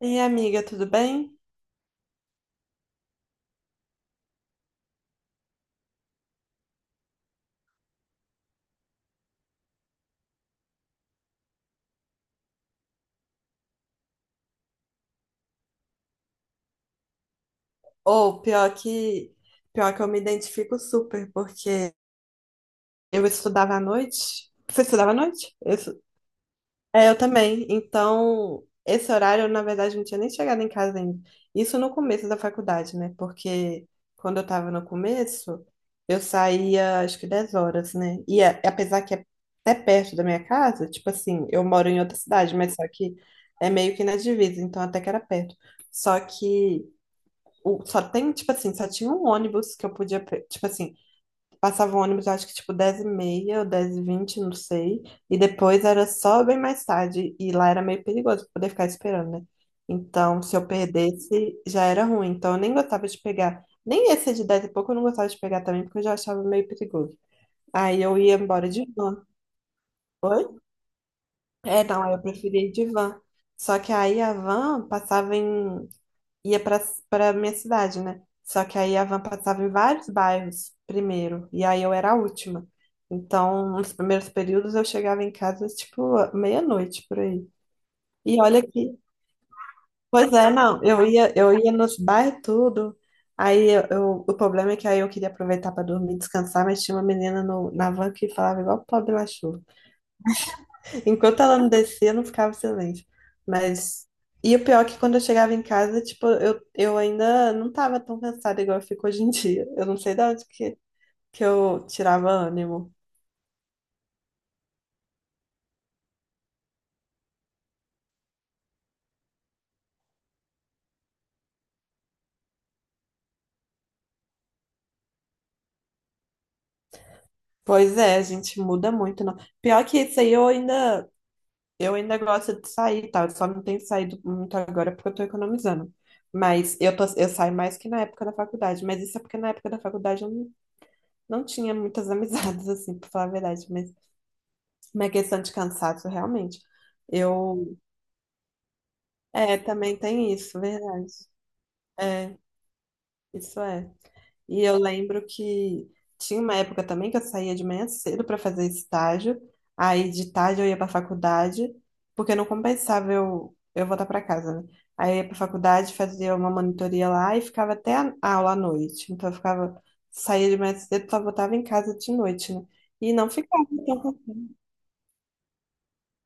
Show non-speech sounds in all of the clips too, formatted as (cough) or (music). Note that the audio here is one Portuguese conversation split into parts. E amiga, tudo bem? Ou pior que eu me identifico super, porque eu estudava à noite. Você estudava à noite? É, eu também. Então, esse horário, eu, na verdade, não tinha nem chegado em casa ainda. Isso no começo da faculdade, né? Porque quando eu tava no começo, eu saía acho que 10 horas, né? Apesar que é até perto da minha casa, tipo assim, eu moro em outra cidade, mas só que é meio que na divisa, então até que era perto. Só que só tem, tipo assim, só tinha um ônibus que eu podia, tipo assim, passava o ônibus, acho que tipo 10h30 ou 10h20 não sei, e depois era só bem mais tarde, e lá era meio perigoso pra poder ficar esperando, né? Então, se eu perdesse, já era ruim. Então, eu nem gostava de pegar, nem esse de 10 e pouco eu não gostava de pegar também, porque eu já achava meio perigoso. Aí eu ia embora de van. Oi? É, não, aí eu preferia ir de van. Só que aí a van passava em ia para para minha cidade, né? Só que aí a van passava em vários bairros primeiro, e aí eu era a última. Então, nos primeiros períodos eu chegava em casa tipo meia-noite por aí. E olha que, pois é, não, eu ia nos bairros tudo. O problema é que aí eu queria aproveitar para dormir, descansar, mas tinha uma menina no, na van que falava igual pobre Lachô. Enquanto ela não descia, não ficava silêncio. Mas. E o pior é que quando eu chegava em casa, tipo, eu ainda não tava tão cansada igual eu fico hoje em (laughs) dia. Eu não sei de onde que eu tirava ânimo. Pois é, a gente muda muito, não. Pior que isso aí, eu ainda gosto de sair, e tal. Eu só não tenho saído muito agora porque eu tô economizando. Mas eu saio mais que na época da faculdade. Mas isso é porque na época da faculdade eu não, não tinha muitas (laughs) amizades, assim, pra falar a verdade. Mas uma questão de cansaço, realmente. Eu, é, também tem isso, verdade. É, isso é. E eu lembro que tinha uma época também que eu saía de manhã cedo para fazer estágio, aí de tarde eu ia para faculdade, porque não compensava eu voltar para casa, né? Aí eu ia para faculdade, fazia uma monitoria lá e ficava até a aula à noite. Então eu ficava, saía de manhã cedo, só voltava em casa de noite, né? E não ficava tão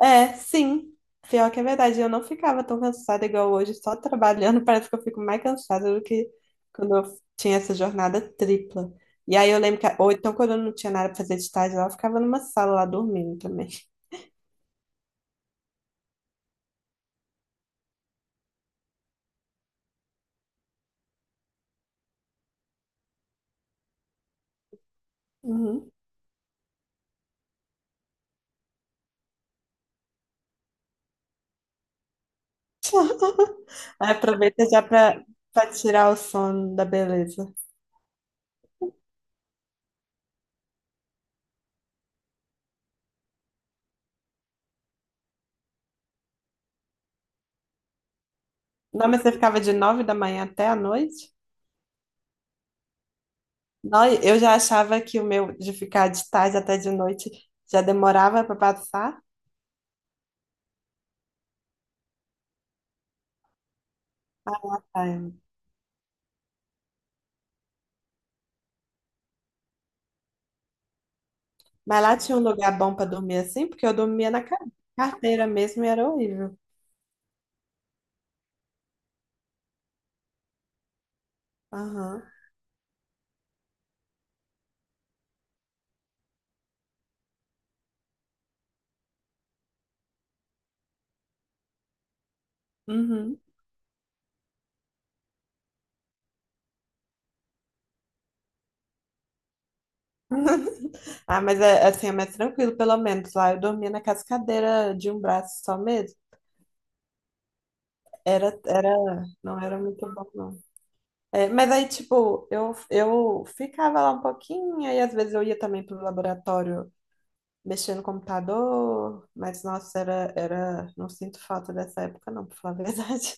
é, sim. Pior que é verdade. Eu não ficava tão cansada igual hoje, só trabalhando. (laughs) Parece que eu fico mais cansada do que quando eu tinha essa jornada tripla. E aí eu lembro que, ou então quando eu não tinha nada pra fazer de tarde lá, eu ficava numa sala lá dormindo também. Uhum. (laughs) Aí aproveita já pra tirar o sono da beleza. Não, mas você ficava de 9 da manhã até a noite? Não, eu já achava que o meu de ficar de tarde até de noite já demorava pra passar. Ai, mas lá tinha um lugar bom pra dormir assim, porque eu dormia na carteira mesmo e era horrível. Aham. Uhum. (laughs) Ah, mas é, assim, é mais tranquilo, pelo menos. Lá eu dormia na cascadeira de um braço só mesmo. Era, era, não era muito bom, não. É, mas aí, tipo, eu ficava lá um pouquinho, aí às vezes eu ia também pro laboratório mexer no computador, mas nossa, não sinto falta dessa época, não, pra falar a verdade.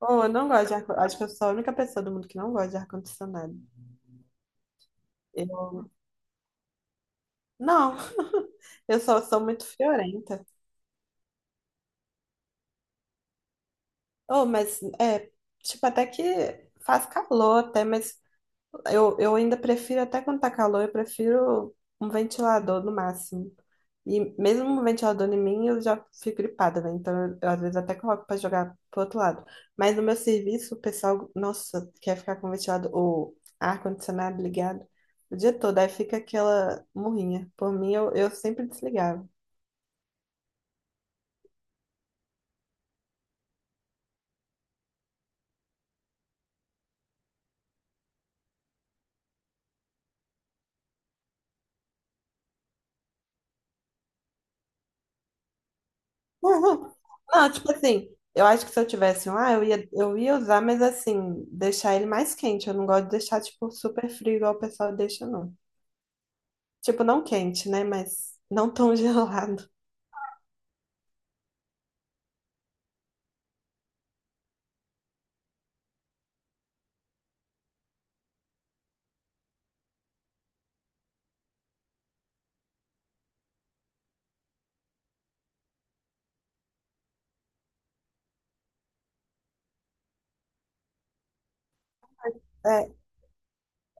Oh, eu não gosto de ar... Acho que eu sou a única pessoa do mundo que não gosta de ar-condicionado. Eu... Não, (laughs) eu só sou muito friorenta. Oh, mas é, tipo, até que faz calor até, mas eu ainda prefiro, até quando tá calor, eu prefiro um ventilador no máximo. E mesmo um ventilador em mim, eu já fico gripada, né? Então, às vezes até coloco pra jogar pro outro lado. Mas no meu serviço, o pessoal, nossa, quer ficar com o ventilador, o ar-condicionado ligado o dia todo. Aí fica aquela murrinha. Por mim, eu sempre desligava. (laughs) Uhum. Não, tipo assim, eu acho que se eu tivesse um, ah, eu ia usar, mas assim, deixar ele mais quente. Eu não gosto de deixar, tipo, super frio igual o pessoal deixa, não. Tipo, não quente, né? Mas não tão (laughs) gelado.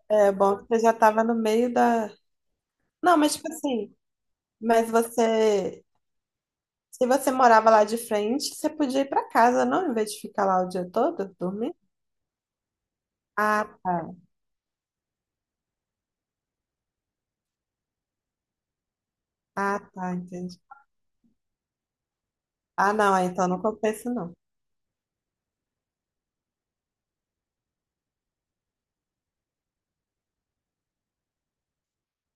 É, é bom que você já tava no meio da. Não, mas tipo assim, mas você. Se você morava lá de frente, você podia ir pra casa, não? Em vez de ficar lá o dia todo, dormir? Ah, tá. Ah, tá, entendi. Ah, não, é, então não compensa, não.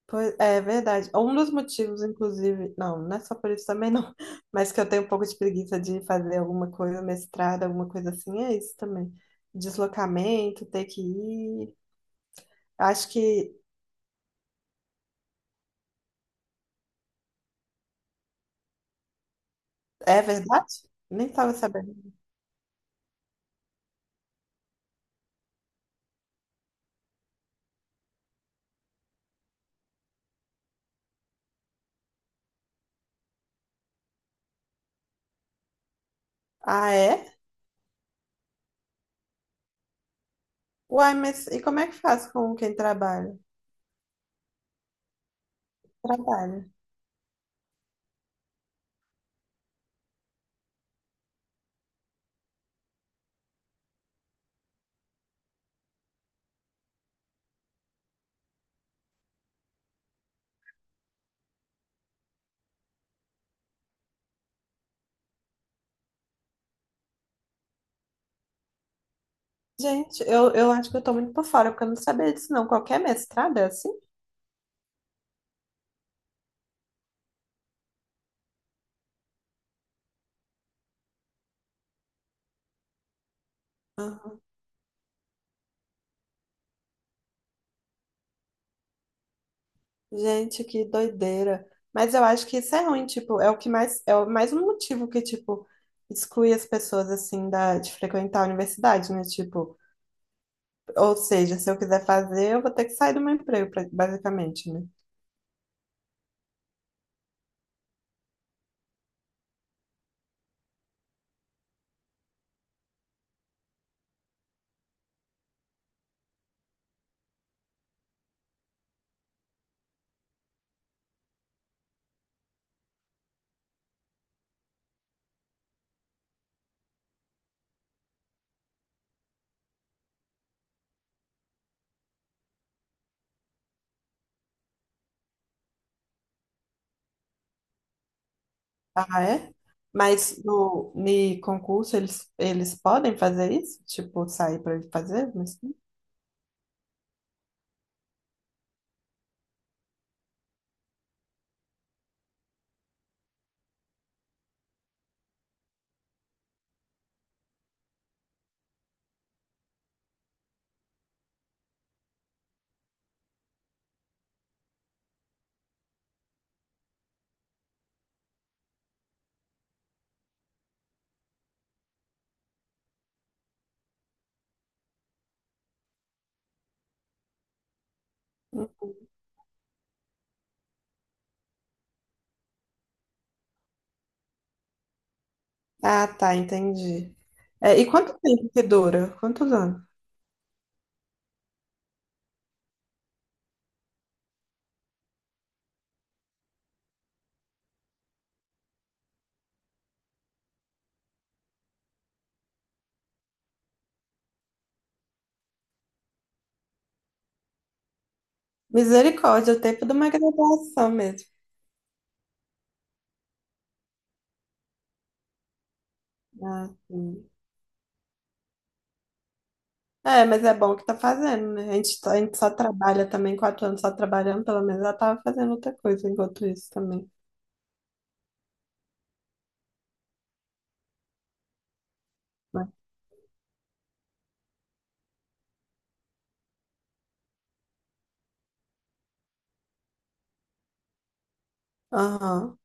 Pois, é verdade. Um dos motivos, inclusive, não é só por isso também, não. (laughs) Mas que eu tenho um pouco de preguiça de fazer alguma coisa, mestrado, alguma coisa assim, é isso também. Deslocamento, ter que ir. Acho que é verdade? Nem estava sabendo. Ah, é? Uai, mas e como é que faz com quem trabalha? Trabalha. Gente, eu acho que eu tô muito por fora, porque eu não sabia disso, não. Qualquer mestrado é assim? Aham. Gente, que doideira. Mas eu acho que isso é ruim, tipo, é o que mais, mais um motivo que, tipo, exclui as pessoas, assim, da, de frequentar a universidade, né? Tipo, ou seja, se eu quiser fazer, eu vou ter que sair do meu emprego, pra- basicamente, né? Ah, é? Mas no ni concurso eles podem fazer isso? Tipo, sair para fazer? Mas... Ah, tá, entendi. É, e quanto tempo que dura? Quantos anos? Misericórdia, o tempo de uma graduação mesmo. Ah, sim. É, mas é bom que tá fazendo, né? A gente, tá- a gente só trabalha também, 4 anos só trabalhando, pelo menos ela tava fazendo outra coisa enquanto isso também, né? Aham.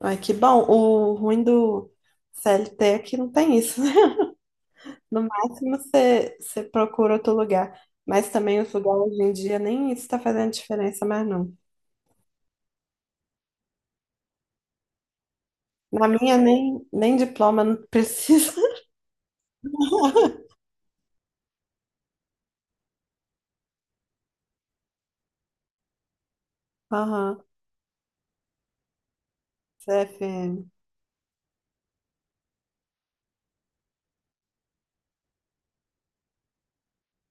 Ai, que bom. O ruim do CLT é que não tem isso. No máximo você procura outro lugar. Mas também os lugares hoje em dia nem isso está fazendo diferença mais não. Na minha nem, nem diploma não precisa. (laughs) Aham, CFM.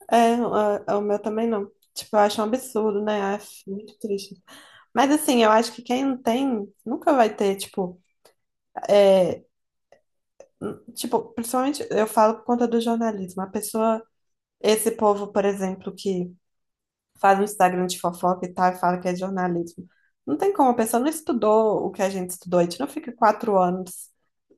É, o meu também não. Tipo, eu acho um absurdo, né? Acho muito triste. Mas assim, eu acho que quem não tem nunca vai ter, tipo, tipo, principalmente eu falo por conta do jornalismo. A pessoa, esse povo, por exemplo, que faz um Instagram de fofoca e tal, e fala que é jornalismo. Não tem como, a pessoa não estudou o que a gente estudou, a gente não fica 4 anos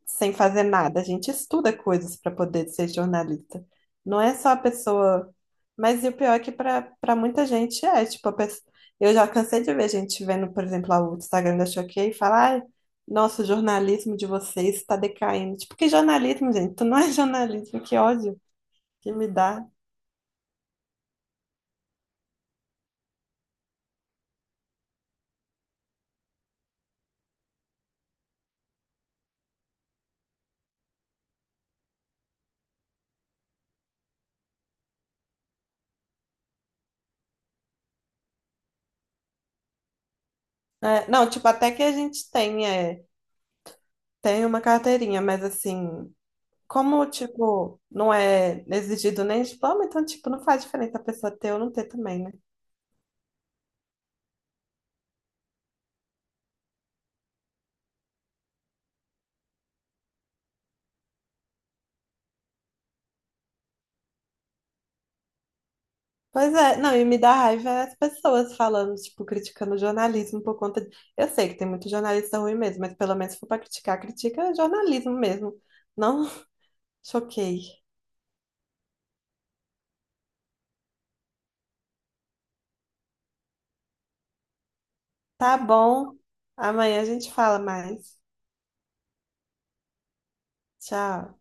sem fazer nada, a gente estuda coisas para poder ser jornalista. Não é só a pessoa. Mas e o pior é que para muita gente é, tipo, a pessoa... eu já cansei de ver gente vendo, por exemplo, lá o Instagram da Choquei e falar, ai, nossa, o jornalismo de vocês está decaindo. Tipo, que jornalismo, gente? Tu não é jornalismo, que ódio que me dá. É, não, tipo, até que a gente tem. É, tenho uma carteirinha, mas assim, como, tipo, não é exigido nem diploma, então, tipo, não faz diferença a pessoa ter ou não ter também, né? Pois é, não, e me dá raiva é as pessoas falando, tipo, criticando o jornalismo por conta de... Eu sei que tem muito jornalista ruim mesmo, mas pelo menos se for pra criticar, critica jornalismo mesmo. Não (laughs) choquei. Tá bom, amanhã a gente fala mais. Tchau.